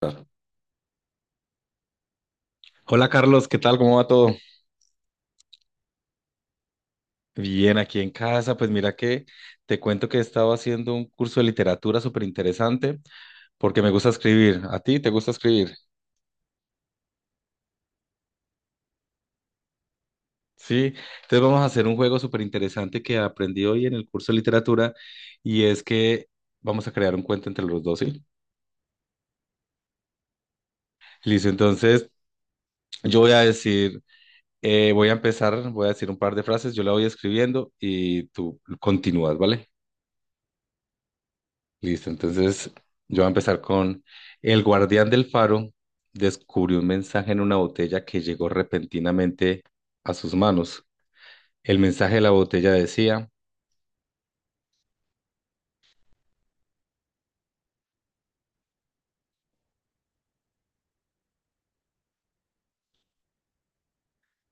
Claro. Hola Carlos, ¿qué tal? ¿Cómo va todo? Bien, aquí en casa, pues mira que te cuento que he estado haciendo un curso de literatura súper interesante porque me gusta escribir. ¿A ti te gusta escribir? Sí, entonces vamos a hacer un juego súper interesante que aprendí hoy en el curso de literatura y es que vamos a crear un cuento entre los dos, ¿sí? Listo, entonces yo voy a decir, voy a empezar, voy a decir un par de frases, yo la voy escribiendo y tú continúas, ¿vale? Listo, entonces yo voy a empezar con el guardián del faro descubrió un mensaje en una botella que llegó repentinamente a sus manos. El mensaje de la botella decía.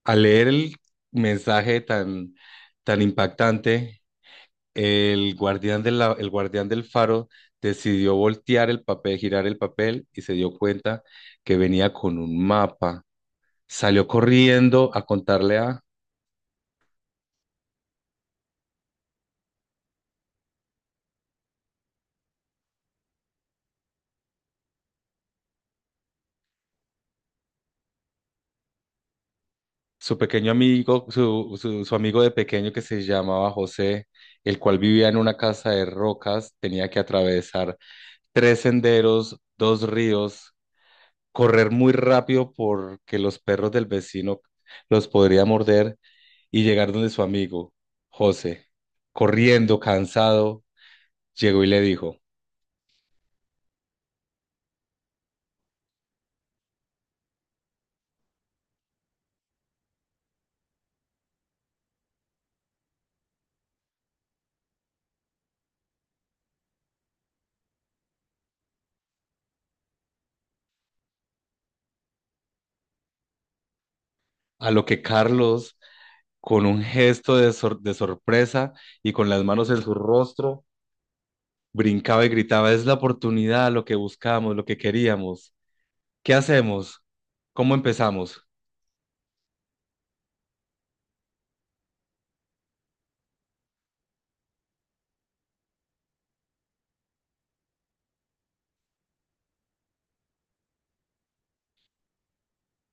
Al leer el mensaje tan, tan impactante, el guardián el guardián del faro decidió voltear el papel, girar el papel y se dio cuenta que venía con un mapa. Salió corriendo a contarle a su pequeño amigo. Su amigo de pequeño, que se llamaba José, el cual vivía en una casa de rocas, tenía que atravesar tres senderos, dos ríos, correr muy rápido porque los perros del vecino los podría morder, y llegar donde su amigo José, corriendo, cansado, llegó y le dijo. A lo que Carlos, con un gesto de sorpresa y con las manos en su rostro, brincaba y gritaba: ¡es la oportunidad, lo que buscamos, lo que queríamos! ¿Qué hacemos? ¿Cómo empezamos?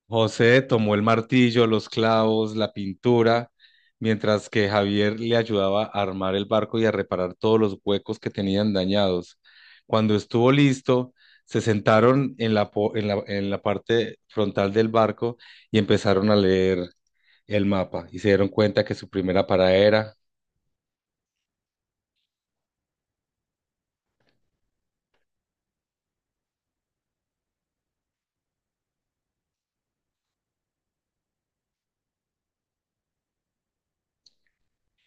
José tomó el martillo, los clavos, la pintura, mientras que Javier le ayudaba a armar el barco y a reparar todos los huecos que tenían dañados. Cuando estuvo listo, se sentaron en en la parte frontal del barco y empezaron a leer el mapa, y se dieron cuenta que su primera parada era.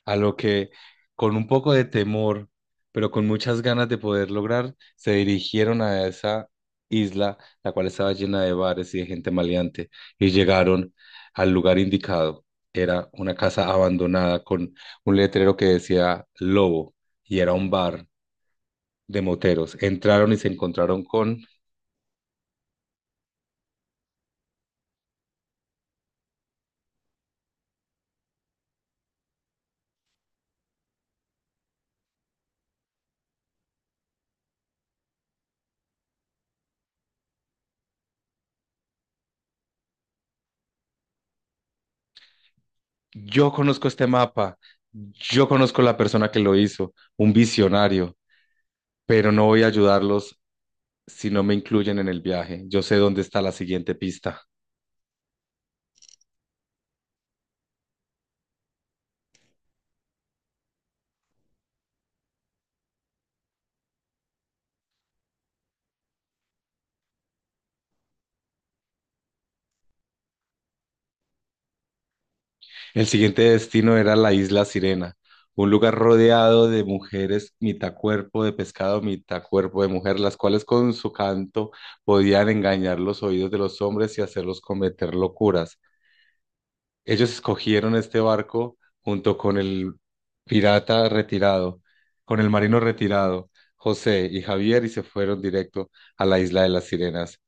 A lo que, con un poco de temor, pero con muchas ganas de poder lograr, se dirigieron a esa isla, la cual estaba llena de bares y de gente maleante, y llegaron al lugar indicado. Era una casa abandonada con un letrero que decía Lobo, y era un bar de moteros. Entraron y se encontraron con: yo conozco este mapa, yo conozco la persona que lo hizo, un visionario, pero no voy a ayudarlos si no me incluyen en el viaje. Yo sé dónde está la siguiente pista. El siguiente destino era la isla Sirena, un lugar rodeado de mujeres, mitad cuerpo de pescado, mitad cuerpo de mujer, las cuales con su canto podían engañar los oídos de los hombres y hacerlos cometer locuras. Ellos escogieron este barco junto con el pirata retirado, con el marino retirado, José y Javier, y se fueron directo a la isla de las Sirenas.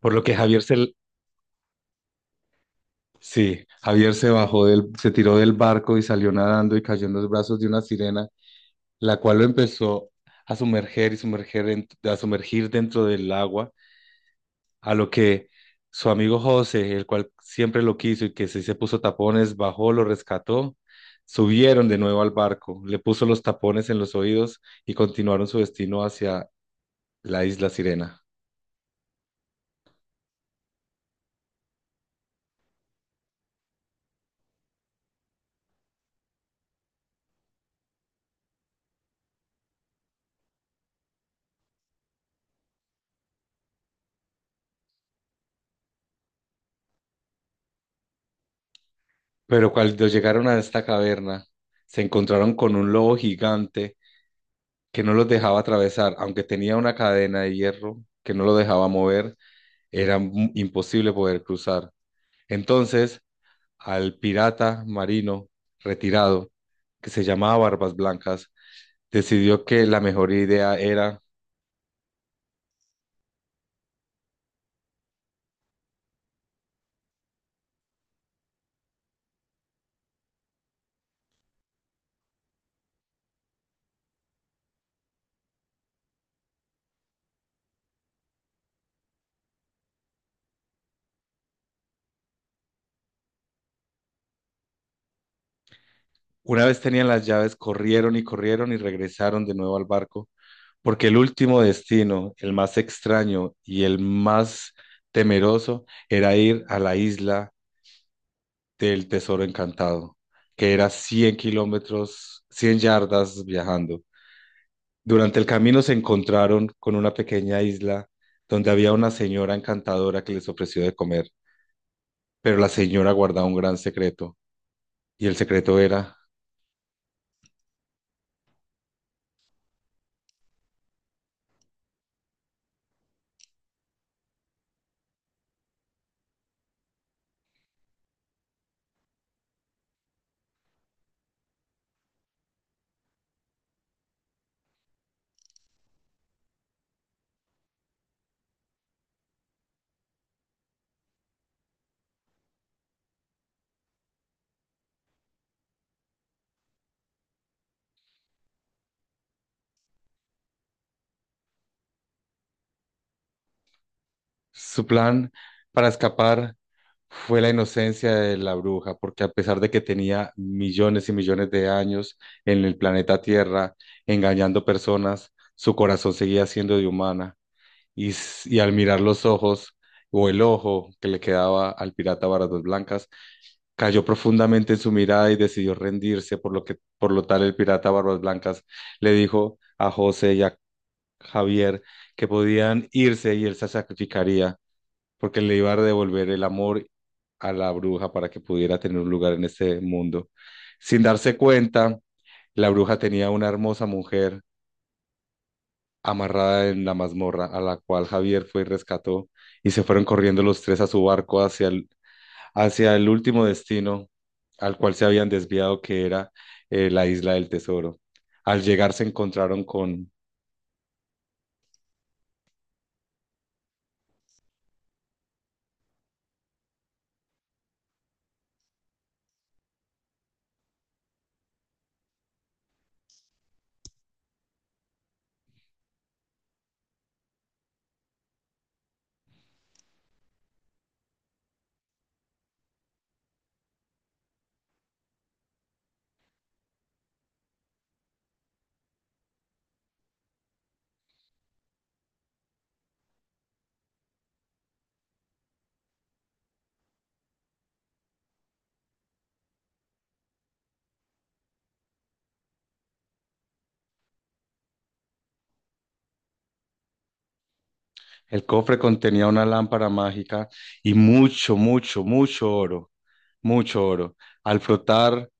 Por lo que Javier se. Sí, Javier se bajó del, se tiró del barco y salió nadando y cayó en los brazos de una sirena, la cual lo empezó a sumerger y sumerger a sumergir dentro del agua. A lo que su amigo José, el cual siempre lo quiso y que sí se puso tapones, bajó, lo rescató, subieron de nuevo al barco, le puso los tapones en los oídos y continuaron su destino hacia la isla Sirena. Pero cuando llegaron a esta caverna, se encontraron con un lobo gigante que no los dejaba atravesar, aunque tenía una cadena de hierro que no lo dejaba mover, era imposible poder cruzar. Entonces, al pirata marino retirado, que se llamaba Barbas Blancas, decidió que la mejor idea era. Una vez tenían las llaves, corrieron y corrieron y regresaron de nuevo al barco, porque el último destino, el más extraño y el más temeroso, era ir a la isla del Tesoro Encantado, que era 100 kilómetros, 100 yardas viajando. Durante el camino se encontraron con una pequeña isla donde había una señora encantadora que les ofreció de comer, pero la señora guardaba un gran secreto, y el secreto era. Su plan para escapar fue la inocencia de la bruja, porque a pesar de que tenía millones y millones de años en el planeta Tierra engañando personas, su corazón seguía siendo de humana, y y al mirar los ojos o el ojo que le quedaba al pirata Barbas Blancas, cayó profundamente en su mirada y decidió rendirse. Por lo que, por lo tal, el pirata Barbas Blancas le dijo a José y a Javier que podían irse y él se sacrificaría, porque le iba a devolver el amor a la bruja para que pudiera tener un lugar en este mundo. Sin darse cuenta, la bruja tenía una hermosa mujer amarrada en la mazmorra, a la cual Javier fue y rescató, y se fueron corriendo los tres a su barco hacia el último destino al cual se habían desviado, que era la isla del tesoro. Al llegar se encontraron con... El cofre contenía una lámpara mágica y mucho, mucho, mucho oro, mucho oro. Al frotar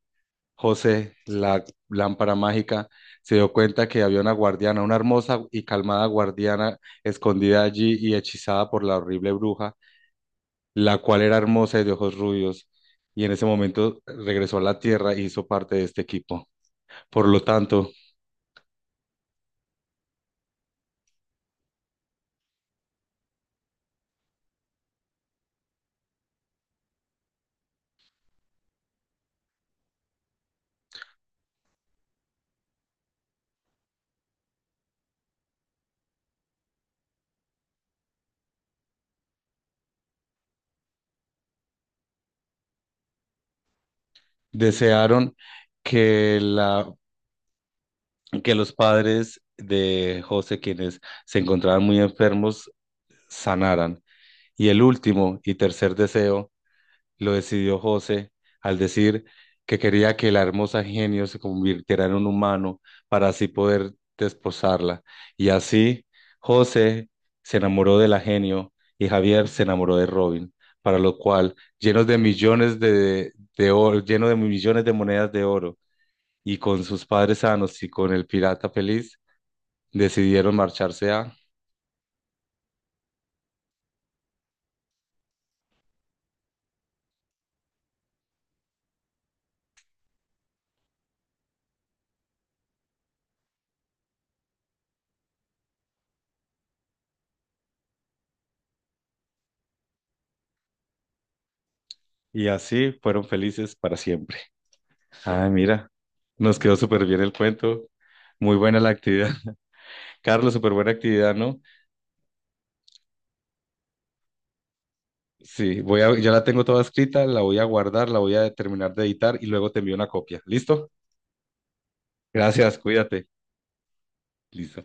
José la lámpara mágica, se dio cuenta que había una guardiana, una hermosa y calmada guardiana escondida allí y hechizada por la horrible bruja, la cual era hermosa y de ojos rubios, y en ese momento regresó a la Tierra y hizo parte de este equipo. Por lo tanto, desearon que la, que los padres de José, quienes se encontraban muy enfermos, sanaran. Y el último y tercer deseo lo decidió José al decir que quería que la hermosa genio se convirtiera en un humano para así poder desposarla. Y así José se enamoró de la genio y Javier se enamoró de Robin, para lo cual, llenos de millones de oro, lleno de millones de monedas de oro y con sus padres sanos y con el pirata feliz, decidieron marcharse a... Y así fueron felices para siempre. Ay, mira, nos quedó súper bien el cuento. Muy buena la actividad. Carlos, súper buena actividad, ¿no? Sí, ya la tengo toda escrita, la voy a guardar, la voy a terminar de editar y luego te envío una copia. ¿Listo? Gracias, cuídate. Listo.